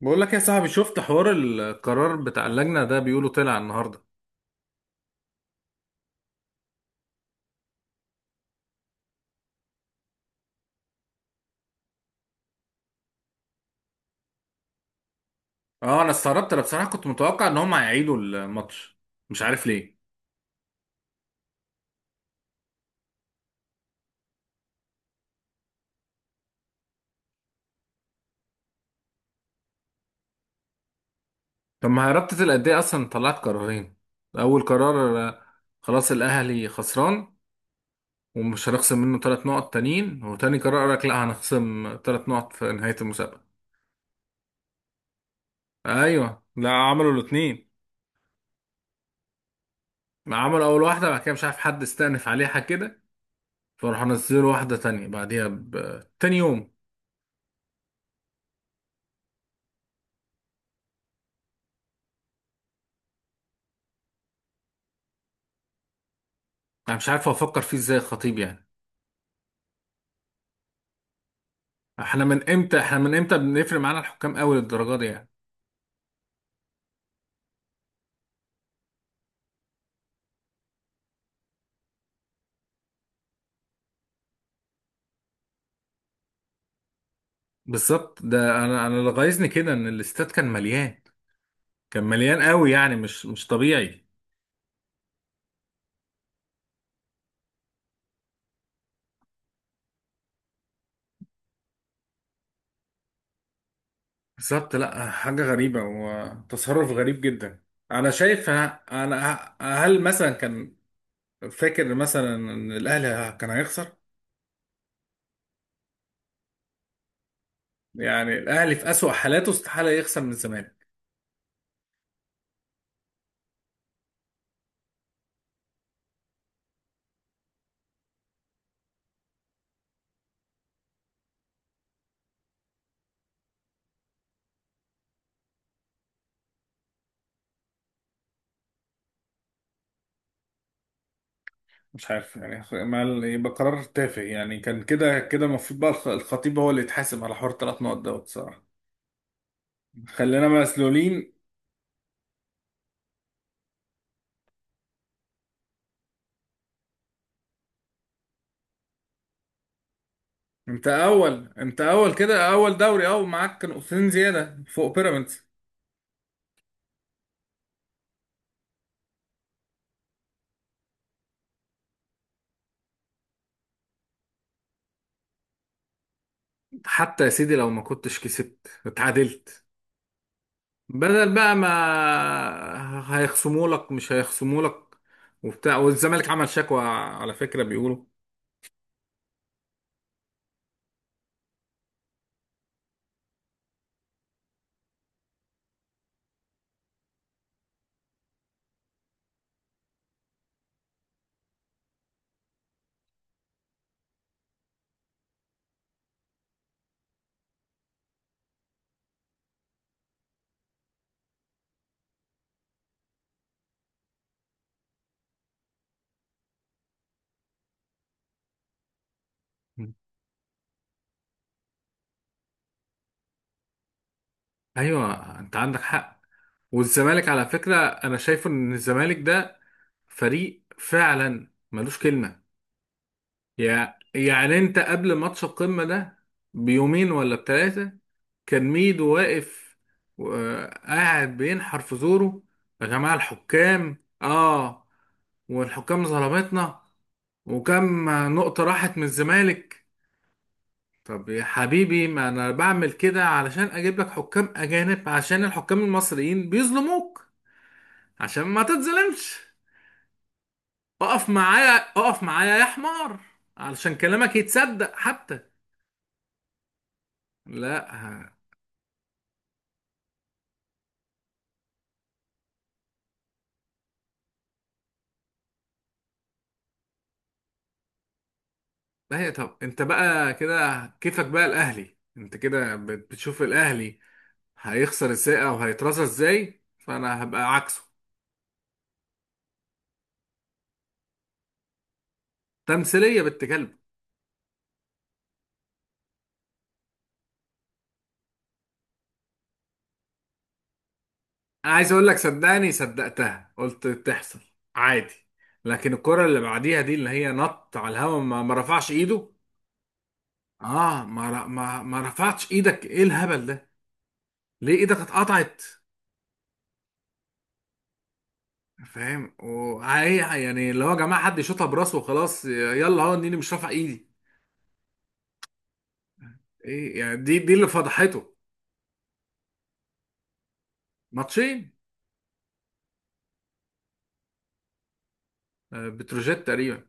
بقول لك يا صاحبي، شفت حوار القرار بتاع اللجنة ده؟ بيقولوا طلع النهاردة. اه، انا استغربت. انا بصراحة كنت متوقع ان هم هيعيدوا الماتش. مش عارف ليه. طب ما هي رابطة الأندية اصلا طلعت قرارين. اول قرار خلاص الأهلي خسران ومش هنخصم منه 3 نقط تانيين. وتاني قرار قالك لا، هنخصم 3 نقط في نهاية المسابقة. ايوه، لا عملوا الاتنين. عملوا اول واحدة، بعد كده مش عارف حد استأنف عليها كده، فراحوا نزلوا واحدة تانية بعديها تاني يوم. انا مش عارف افكر فيه ازاي الخطيب يعني. احنا من امتى، احنا من امتى بنفرق معانا الحكام قوي للدرجه دي يعني؟ بالظبط، ده انا اللي غايظني كده ان الاستاد كان مليان. كان مليان قوي، يعني مش طبيعي. بالظبط، لا حاجه غريبه وتصرف غريب جدا. انا شايف ه- هل مثلا كان فاكر مثلا ان الاهلي كان هيخسر؟ يعني الاهلي في اسوأ حالاته استحاله يخسر من الزمالك. مش عارف يعني، ما يبقى قرار تافه يعني. كان كده كده المفروض بقى الخطيب هو اللي يتحاسب على حوار 3 نقط دوت صراحه. خلينا مسلولين. انت اول كده، اول دوري، اول معاك نقطتين زياده فوق بيراميدز. حتى يا سيدي لو ما كنتش كسبت اتعادلت، بدل بقى ما هيخصموا لك مش هيخصموا لك. وبتاع والزمالك عمل شكوى على فكرة بيقولوا. مم. ايوه، انت عندك حق. والزمالك على فكرة، انا شايف ان الزمالك ده فريق فعلا ملوش كلمة. يعني انت قبل ماتش القمة ده بيومين ولا بتلاتة كان ميدو واقف، قاعد بينحر في زوره: يا جماعة الحكام اه، والحكام ظلمتنا، وكم نقطة راحت من الزمالك. طب يا حبيبي، ما انا بعمل كده علشان اجيب لك حكام اجانب عشان الحكام المصريين بيظلموك، عشان ما تتظلمش. اقف معايا، اقف معايا يا حمار، علشان كلامك يتصدق حتى. لا. ما هي طب، انت بقى كده كيفك بقى الاهلي. انت كده بتشوف الاهلي هيخسر ازاي او هيترصى ازاي، فانا هبقى عكسه. تمثيليه بنت كلب. انا عايز اقول لك، صدقني صدقتها، قلت تحصل عادي. لكن الكره اللي بعديها دي اللي هي نط على الهوا ما رفعش ايده. اه، ما, ر- ما ما رفعتش ايدك، ايه الهبل ده؟ ليه ايدك اتقطعت؟ فاهم؟ وهي يعني، اللي هو يا جماعه حد يشوطها براسه وخلاص، يلا هو اني مش رافع ايدي، ايه يعني؟ دي اللي فضحته. ماتشين. بتروجيت تقريبا.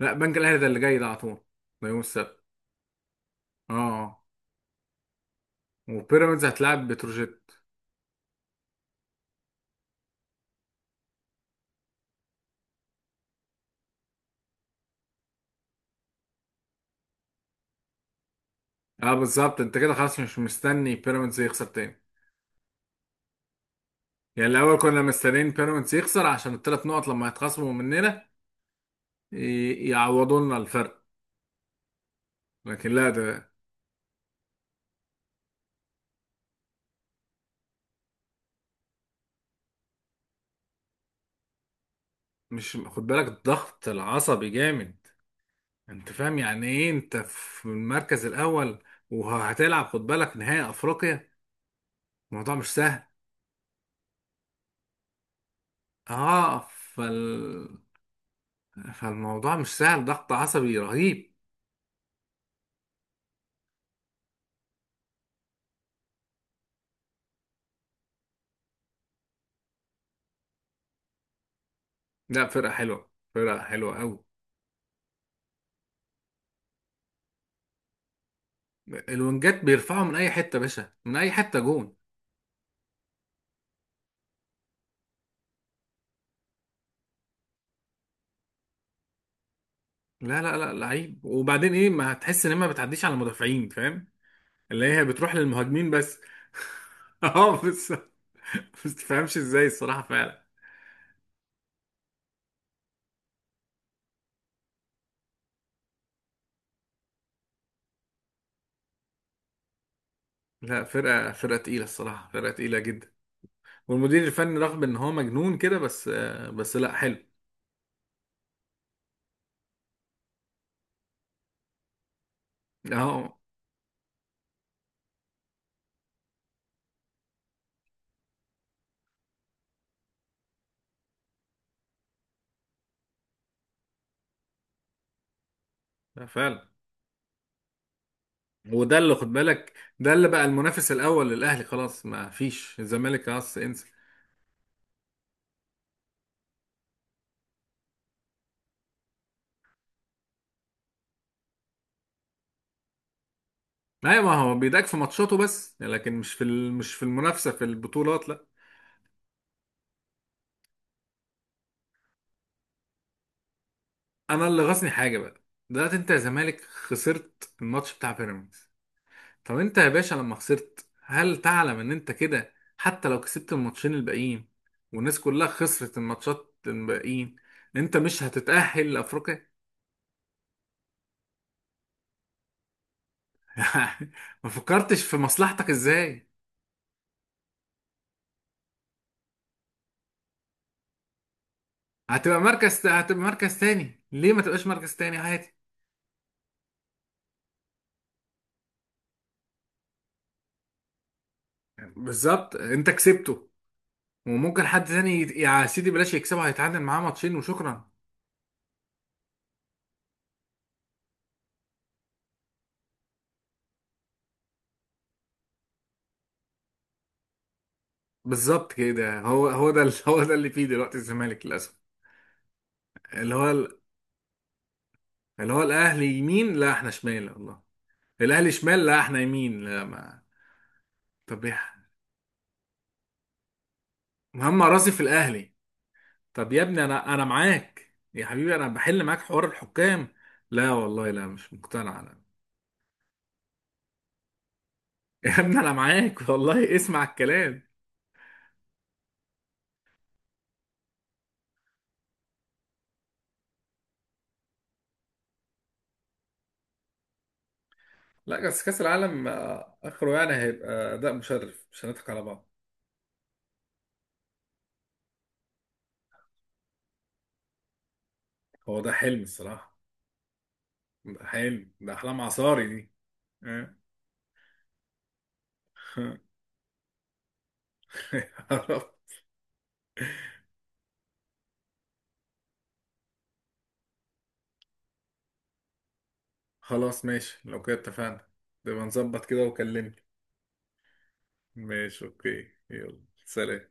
لا، بنك الاهلي ده اللي جاي ده على طول. ده يوم السبت. اه، آه. وبيراميدز هتلعب بتروجيت. اه، بالظبط. انت كده خلاص مش مستني بيراميدز يخسر تاني. يعني الاول كنا مستنيين بيراميدز يخسر عشان الثلاث نقط لما يتخصموا مننا يعوضوا لنا الفرق. لكن لا، ده مش خد بالك الضغط العصبي جامد؟ انت فاهم يعني ايه انت في المركز الاول وهتلعب، خد بالك نهائي افريقيا؟ الموضوع مش سهل. اه، فالموضوع مش سهل، ضغط عصبي رهيب. لا، فرقة حلوة، فرقة حلوة قوي. الونجات بيرفعوا من اي حتة يا باشا، من اي حتة جون. لا لا لا، لعيب. وبعدين ايه، ما هتحس ان هي ما بتعديش على المدافعين، فاهم؟ اللي هي بتروح للمهاجمين بس. اه بس، بس تفهمش ازاي الصراحة فعلا. لا، فرقة فرقة تقيلة الصراحة، فرقة تقيلة جدا. والمدير الفني رغم ان هو مجنون كده بس، بس لا حلو. اه. لا، فعلا. وده اللي خد بالك. ده اللي بقى المنافس الاول للاهلي. خلاص ما فيش الزمالك، خلاص انسى. لا، ما هو بيضايقك في ماتشاته بس، لكن مش في مش في المنافسه في البطولات، لا. انا اللي غاصني حاجه بقى: دلوقتي انت يا زمالك خسرت الماتش بتاع بيراميدز. طب انت يا باشا، لما خسرت، هل تعلم ان انت كده حتى لو كسبت الماتشين الباقيين والناس كلها خسرت الماتشات الباقيين، انت مش هتتأهل لافريقيا؟ ما فكرتش في مصلحتك ازاي. هتبقى مركز تاني، ليه ما تبقاش مركز تاني عادي؟ بالظبط، انت كسبته. وممكن حد تاني يا سيدي بلاش يكسبه، هيتعادل معاه ماتشين وشكرا. بالظبط كده. هو ده اللي فيه دلوقتي الزمالك للاسف. اللي هو ال- اللي هو الاهلي يمين، لا احنا شمال والله. الاهلي شمال، لا احنا يمين، لا ما... طب يا مهما راسي في الاهلي. طب يا ابني، انا معاك يا حبيبي، انا بحل معاك حوار الحكام. لا والله، لا مش مقتنع انا. يا ابني انا معاك والله، اسمع الكلام. لا بس كأس العالم آخره يعني هيبقى أداء مشرف، مش هنضحك على بعض. هو ده حلم الصراحة. ده حلم، ده أحلام عصاري دي. آه. خلاص ماشي، لو كده اتفقنا. نبقى نظبط كده وكلمني. ماشي، أوكي، يلا سلام.